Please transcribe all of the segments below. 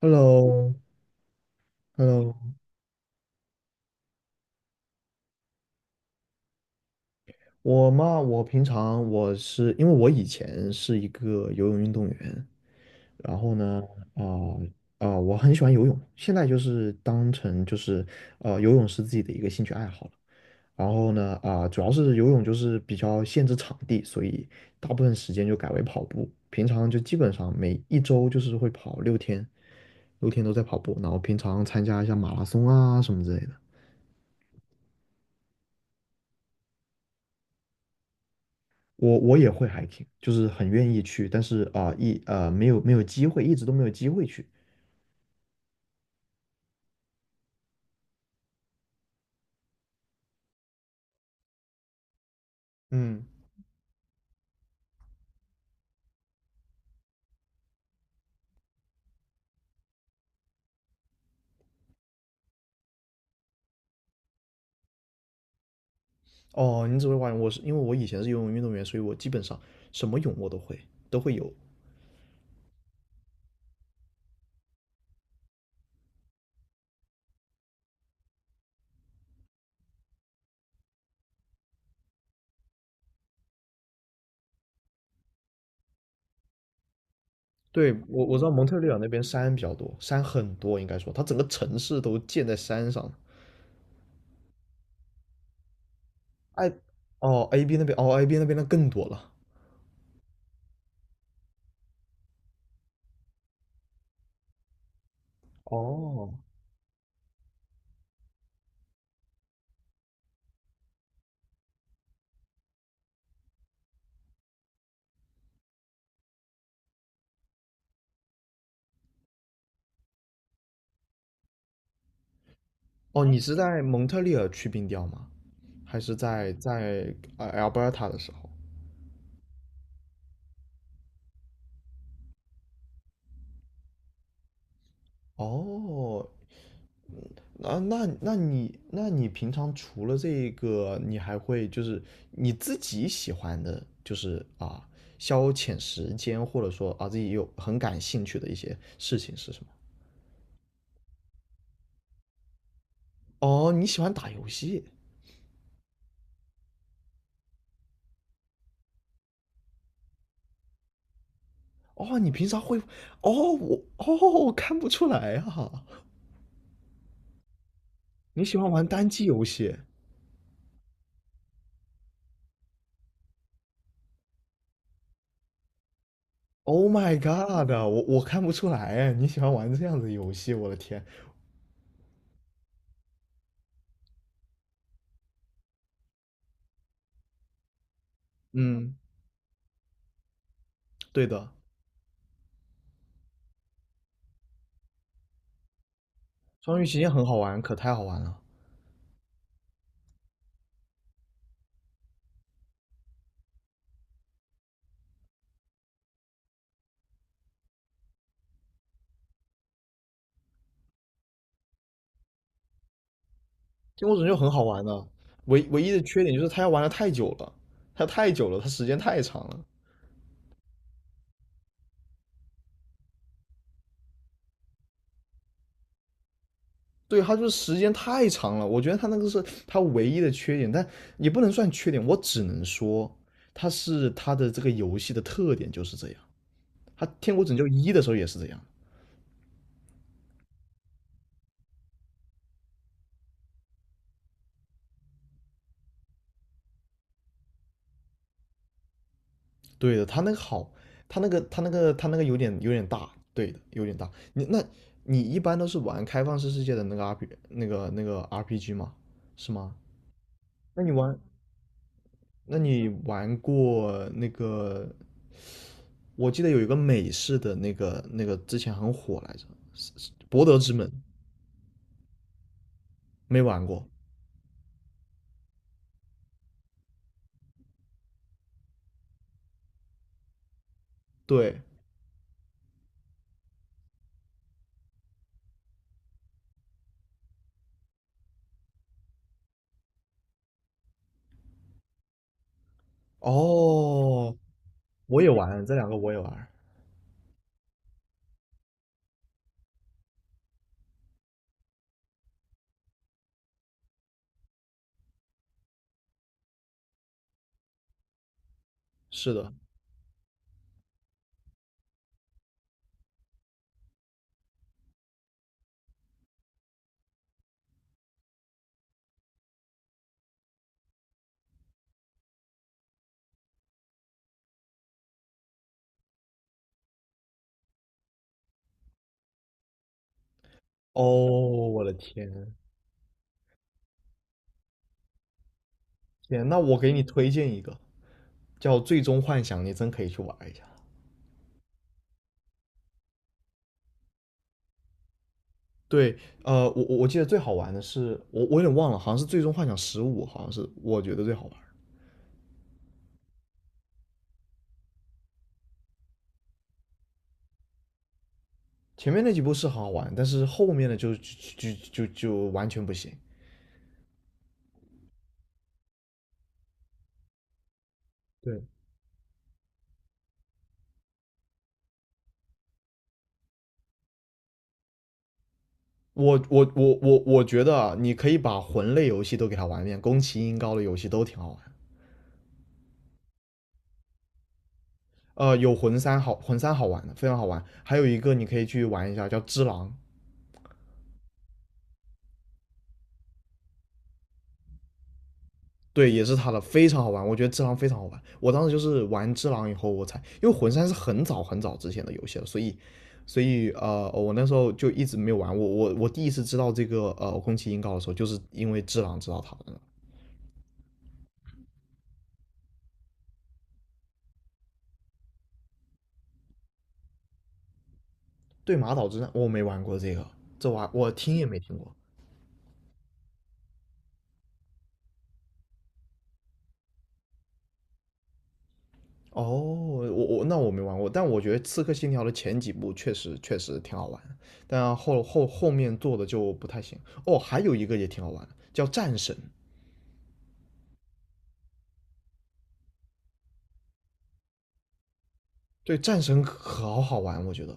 Hello，Hello，我嘛，我平常我是因为我以前是一个游泳运动员，然后呢，我很喜欢游泳，现在就是当成游泳是自己的一个兴趣爱好了。然后呢，主要是游泳就是比较限制场地，所以大部分时间就改为跑步。平常就基本上每一周就是会跑六天，六天都在跑步，然后平常参加一下马拉松啊什么之类的。我也会 hiking,就是很愿意去，但是啊、一呃没有没有机会，一直都没有机会去。嗯，哦，你只会蛙泳，我是因为我以前是游泳运动员，所以我基本上什么泳我都会，都会游。对，我知道蒙特利尔那边山比较多，山很多，应该说它整个城市都建在山上。哎，哦，AB 那边，哦，AB 那边那更多了。哦，哦，你是在蒙特利尔去冰钓吗？还是在 Alberta 的时候？哦，啊，那你平常除了这个，你还会就是你自己喜欢的，就是啊，消遣时间或者说啊自己有很感兴趣的一些事情是什么？哦，你喜欢打游戏？哦，你平常会？哦，我看不出来啊，你喜欢玩单机游戏？Oh my god,我看不出来，你喜欢玩这样子的游戏，我的天。嗯，对的，双鱼期间很好玩，可太好玩了。天国拯救很好玩的，唯一的缺点就是它要玩的太久了，它太久了，它时间太长了。对，它就是时间太长了，我觉得它那个是它唯一的缺点，但也不能算缺点，我只能说它是它的这个游戏的特点就是这样。它《天国拯救一》的时候也是这样，对的，它那个好，它那个它那个它那个有点大，对的，有点大。你那你一般都是玩开放式世界的那个 R P G 吗？是吗？那你玩那你玩过那个？我记得有一个美式的那个那个之前很火来着，《博德之门》没玩过。对，哦，我也玩，这两个我也玩。是的，哦，我的天，天，那我给你推荐一个叫《最终幻想》，你真可以去玩一下。对，我记得最好玩的是，我有点忘了，好像是《最终幻想十五》，好像是我觉得最好玩。前面那几部是好好玩，但是后面的就完全不行。对，我觉得啊，你可以把魂类游戏都给它玩一遍，宫崎英高的游戏都挺好玩。有魂三好，魂三好玩的，非常好玩。还有一个你可以去玩一下，叫《只狼》，对，也是他的，非常好玩。我觉得《只狼》非常好玩。我当时就是玩《只狼》以后，我才因为魂三是很早很早之前的游戏了，所以，我那时候就一直没有玩。我第一次知道这个宫崎英高的时候，就是因为《只狼》知道他的。对马岛之战我没玩过这个，这玩我听也没听过。哦，那我没玩过，但我觉得《刺客信条》的前几部确实挺好玩，但后面做的就不太行。哦，还有一个也挺好玩的，叫《战神》。对，《战神》可好好玩，我觉得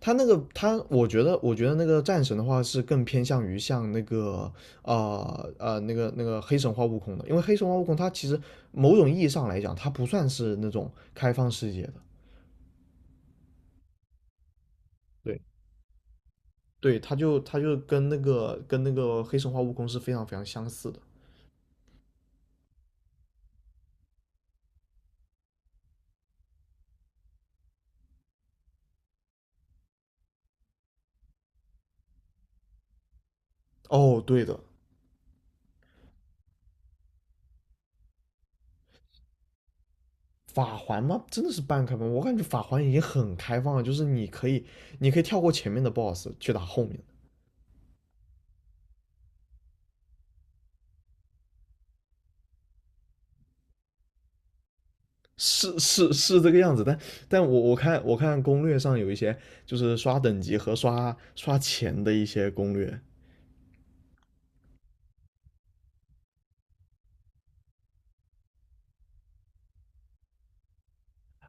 他那个他，我觉得那个《战神》的话是更偏向于像那个那个黑神话悟空的，因为黑神话悟空它其实某种意义上来讲，它不算是那种开放世界的。对，对，它就跟那个黑神话悟空是非常非常相似的。哦，对的，法环吗？真的是半开放，我感觉法环已经很开放了，就是你可以，你可以跳过前面的 BOSS 去打后面的，是是是这个样子。但我看攻略上有一些就是刷等级和刷钱的一些攻略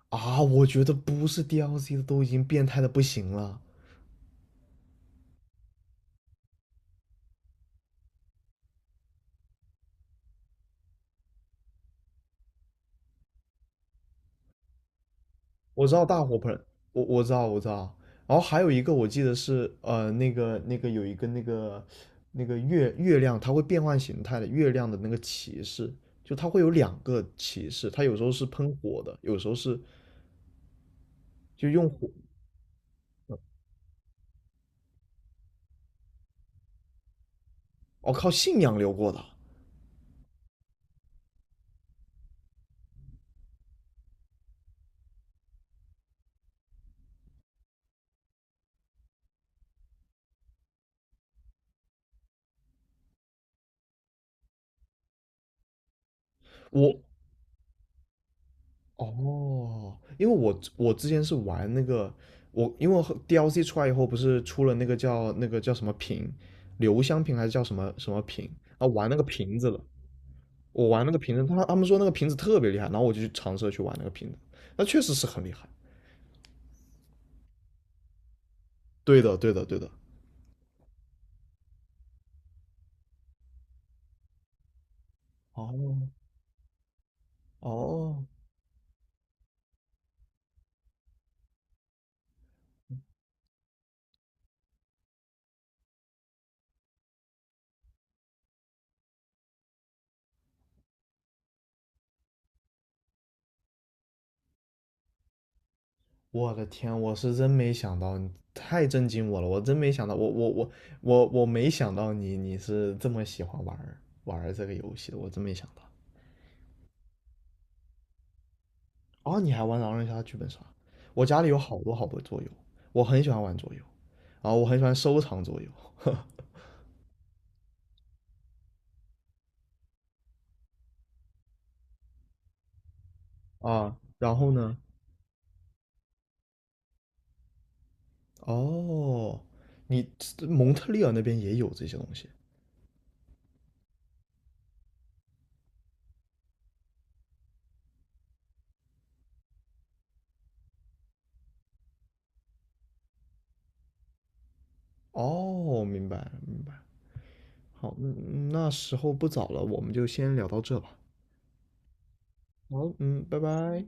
啊，我觉得不是 DLC 的都已经变态的不行了。我知道大火盆，我知道，我知道。然后还有一个我记得是有一个月亮，它会变换形态的，月亮的那个骑士，就它会有两个骑士，它有时候是喷火的，有时候是就用火。哦，靠信仰流过的。我哦，因为我之前是玩那个因为和 DLC 出来以后不是出了那个叫那个叫什么瓶，留香瓶还是叫什么什么瓶啊？玩那个瓶子了。我玩那个瓶子，他们说那个瓶子特别厉害，然后我就去尝试去玩那个瓶子，那确实是很厉害。对的，对的，对的。哦哦，我的天，我是真没想到，你太震惊我了，我真没想到，我没想到你是这么喜欢玩儿这个游戏的，我真没想到。哦，你还玩狼人杀、剧本杀？我家里有好多好多桌游，我很喜欢玩桌游，啊，我很喜欢收藏桌游，啊，然后呢？哦，你蒙特利尔那边也有这些东西。哦，明白了明白了，好，嗯那时候不早了，我们就先聊到这吧。好，嗯，拜拜。